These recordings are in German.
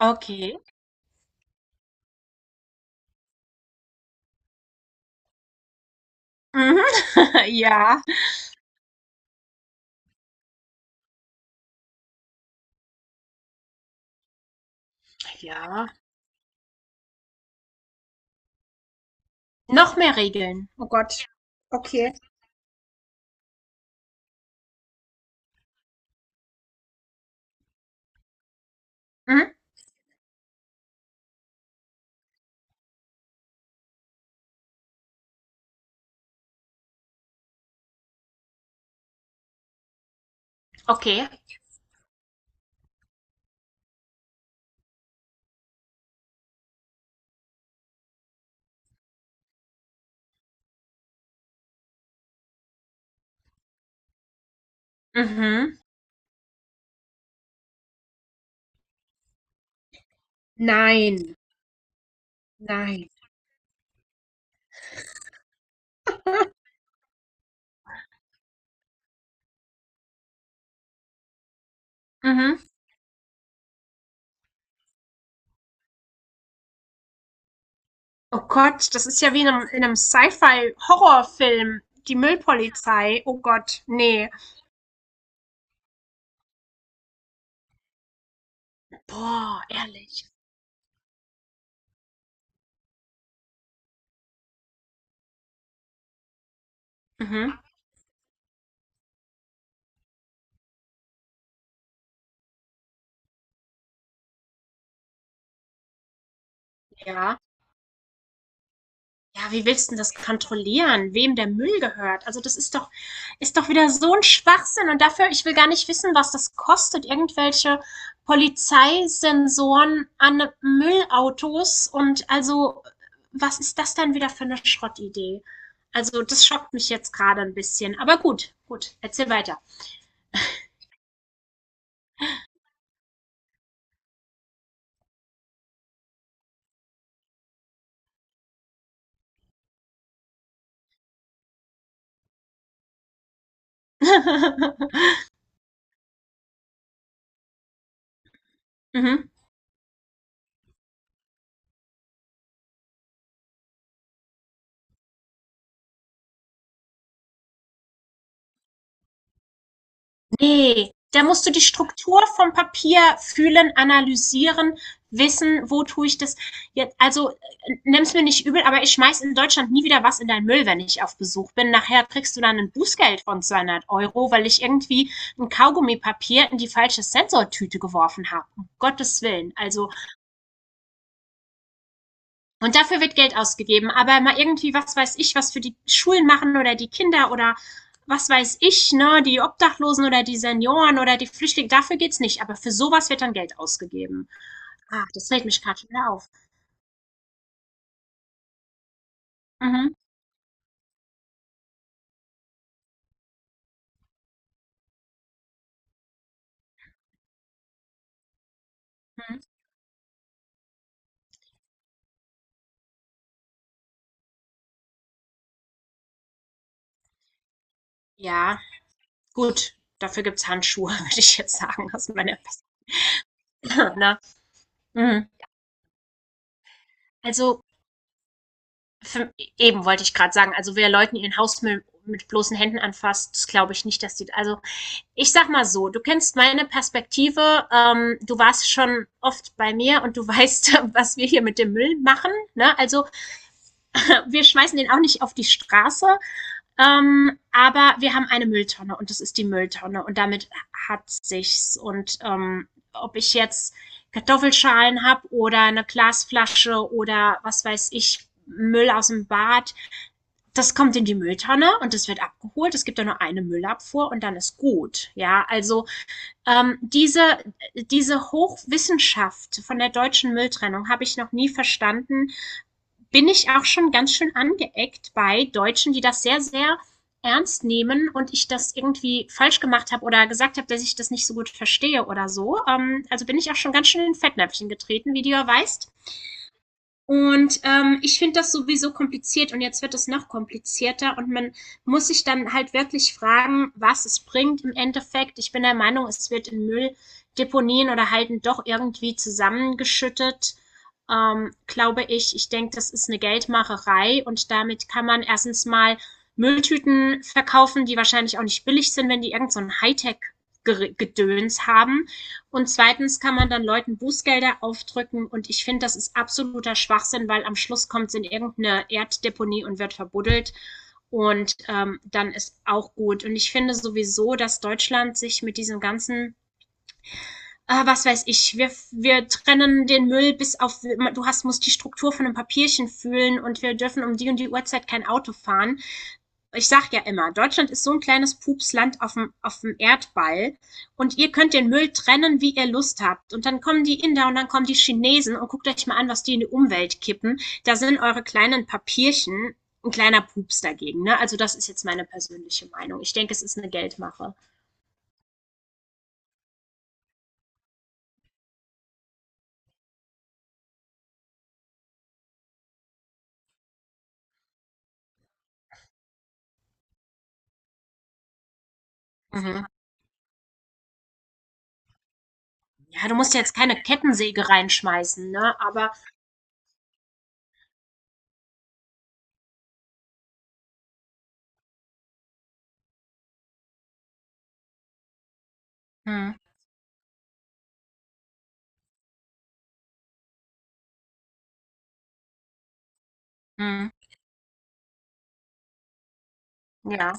Okay. Mhm. Ja. Ja. Noch mehr Regeln. Oh Gott. Okay. Mhm. Okay. Mhm. Nein. Nein. Mhm. Oh Gott, das ist ja wie in einem Sci-Fi-Horrorfilm. Die Müllpolizei. Oh Gott, nee. Boah, ehrlich. Mhm. Ja. Ja, wie willst du denn das kontrollieren, wem der Müll gehört? Also ist doch wieder so ein Schwachsinn. Und dafür, ich will gar nicht wissen, was das kostet, irgendwelche Polizeisensoren an Müllautos. Und also, was ist das dann wieder für eine Schrottidee? Also das schockt mich jetzt gerade ein bisschen. Aber gut, erzähl weiter. Mhm. Ne, da musst du die Struktur vom Papier fühlen, analysieren, wissen, wo tue ich das jetzt. Also nimm's mir nicht übel, aber ich schmeiß in Deutschland nie wieder was in deinen Müll, wenn ich auf Besuch bin. Nachher kriegst du dann ein Bußgeld von 200 Euro, weil ich irgendwie ein Kaugummipapier in die falsche Sensortüte geworfen habe. Um Gottes Willen. Also und dafür wird Geld ausgegeben. Aber mal irgendwie, was weiß ich, was für die Schulen machen oder die Kinder oder was weiß ich, ne, die Obdachlosen oder die Senioren oder die Flüchtlinge, dafür geht's nicht. Aber für sowas wird dann Geld ausgegeben. Ah, das fällt mich gerade wieder auf. Mhm. Mhm. Ja, gut. Dafür gibt's Handschuhe, würde ich jetzt sagen. Das ist meine beste. Ne? Mhm. Also, für, eben wollte ich gerade sagen, also wer Leuten ihren Hausmüll mit bloßen Händen anfasst, das glaube ich nicht, dass die, also ich sag mal so, du kennst meine Perspektive, du warst schon oft bei mir und du weißt, was wir hier mit dem Müll machen. Ne? Also wir schmeißen den auch nicht auf die Straße, aber wir haben eine Mülltonne und das ist die Mülltonne und damit hat sich's. Und ob ich jetzt Kartoffelschalen habe oder eine Glasflasche oder was weiß ich, Müll aus dem Bad, das kommt in die Mülltonne und das wird abgeholt. Es gibt ja nur eine Müllabfuhr und dann ist gut. Ja, also ähm, diese, diese Hochwissenschaft von der deutschen Mülltrennung habe ich noch nie verstanden. Bin ich auch schon ganz schön angeeckt bei Deutschen, die das sehr ernst nehmen und ich das irgendwie falsch gemacht habe oder gesagt habe, dass ich das nicht so gut verstehe oder so. Also bin ich auch schon ganz schön in Fettnäpfchen getreten, wie du ja weißt. Und, ich finde das sowieso kompliziert und jetzt wird es noch komplizierter und man muss sich dann halt wirklich fragen, was es bringt im Endeffekt. Ich bin der Meinung, es wird in Mülldeponien oder Halden doch irgendwie zusammengeschüttet, glaube ich. Ich denke, das ist eine Geldmacherei und damit kann man erstens mal Mülltüten verkaufen, die wahrscheinlich auch nicht billig sind, wenn die irgend so ein Hightech-Gedöns haben. Und zweitens kann man dann Leuten Bußgelder aufdrücken und ich finde, das ist absoluter Schwachsinn, weil am Schluss kommt es in irgendeine Erddeponie und wird verbuddelt und dann ist auch gut. Und ich finde sowieso, dass Deutschland sich mit diesem ganzen was weiß ich, wir trennen den Müll bis auf, du hast, musst die Struktur von einem Papierchen fühlen und wir dürfen um die und die Uhrzeit kein Auto fahren. Ich sag ja immer, Deutschland ist so ein kleines Pupsland auf auf dem Erdball und ihr könnt den Müll trennen, wie ihr Lust habt. Und dann kommen die Inder und dann kommen die Chinesen und guckt euch mal an, was die in die Umwelt kippen. Da sind eure kleinen Papierchen ein kleiner Pups dagegen. Ne? Also das ist jetzt meine persönliche Meinung. Ich denke, es ist eine Geldmache. Mhm. Ja, du musst ja jetzt keine Kettensäge reinschmeißen, ne? Aber hm. Hm, ja.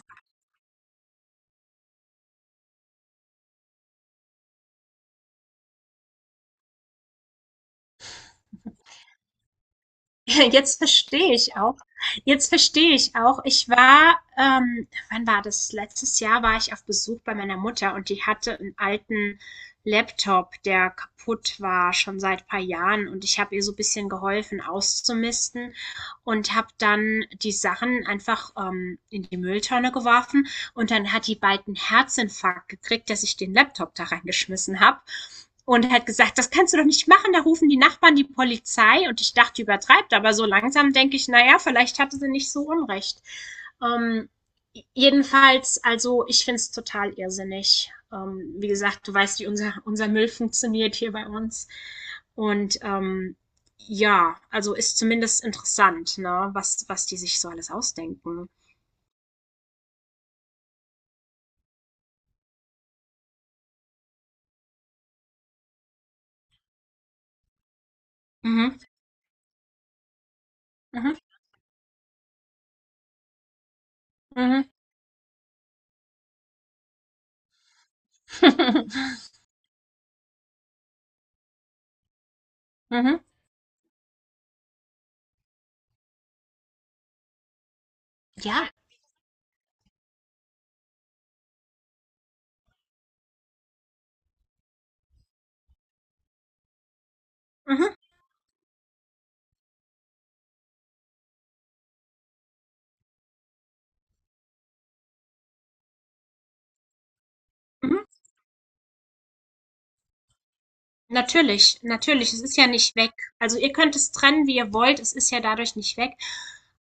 Jetzt verstehe ich auch Jetzt verstehe ich auch. Ich war wann war das? Letztes Jahr war ich auf Besuch bei meiner Mutter und die hatte einen alten Laptop, der kaputt war, schon seit paar Jahren und ich habe ihr so ein bisschen geholfen auszumisten und habe dann die Sachen einfach, in die Mülltonne geworfen. Und dann hat die bald einen Herzinfarkt gekriegt, dass ich den Laptop da reingeschmissen habe. Und hat gesagt, das kannst du doch nicht machen, da rufen die Nachbarn die Polizei. Und ich dachte, übertreibt, aber so langsam denke ich, naja, vielleicht hatte sie nicht so Unrecht. Ähm, Jedenfalls, also ich finde es total irrsinnig. Wie gesagt, du weißt, wie unser Müll funktioniert hier bei uns. Und ja, also ist zumindest interessant, ne, was die sich so alles ausdenken. Mhm. Mhm. Mhm. Mhm. Ja. Mhm. Mhm. Natürlich, natürlich. Es ist ja nicht weg. Also ihr könnt es trennen, wie ihr wollt. Es ist ja dadurch nicht weg.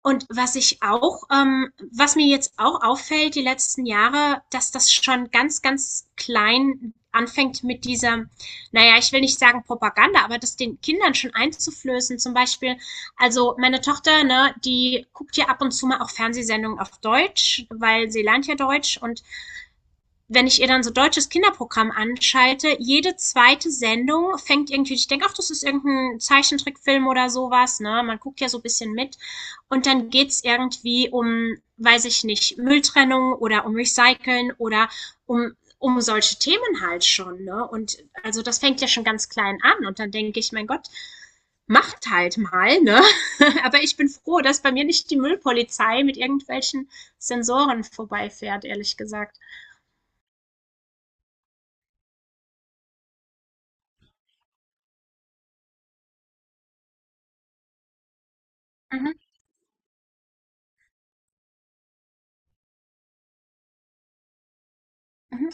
Und was ich auch, was mir jetzt auch auffällt, die letzten Jahre, dass das schon ganz klein anfängt mit dieser, naja, ich will nicht sagen Propaganda, aber das den Kindern schon einzuflößen. Zum Beispiel, also meine Tochter, ne, die guckt ja ab und zu mal auch Fernsehsendungen auf Deutsch, weil sie lernt ja Deutsch und wenn ich ihr dann so deutsches Kinderprogramm anschalte, jede zweite Sendung fängt irgendwie, ich denke, ach, das ist irgendein Zeichentrickfilm oder sowas, ne? Man guckt ja so ein bisschen mit. Und dann geht's irgendwie um, weiß ich nicht, Mülltrennung oder um Recyceln oder um, um solche Themen halt schon, ne? Und also das fängt ja schon ganz klein an. Und dann denke ich, mein Gott, macht halt mal, ne? Aber ich bin froh, dass bei mir nicht die Müllpolizei mit irgendwelchen Sensoren vorbeifährt, ehrlich gesagt. Mhm. Mhm.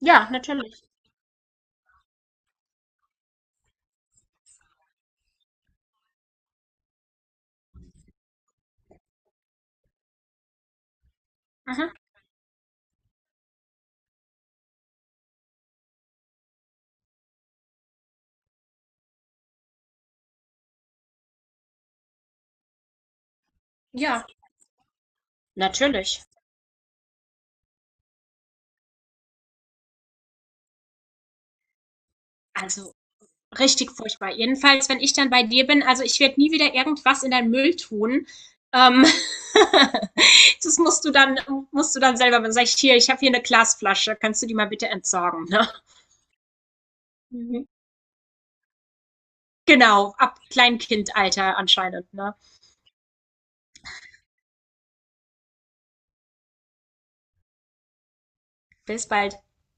Ja, natürlich. Mhm. Ja, natürlich. Also richtig furchtbar. Jedenfalls, wenn ich dann bei dir bin, also ich werde nie wieder irgendwas in deinen Müll tun. Ähm, das musst du dann selber, wenn sag ich hier, ich habe hier eine Glasflasche, kannst du die mal bitte entsorgen, ne? Mhm. Genau, ab Kleinkindalter anscheinend, ne? Bis bald.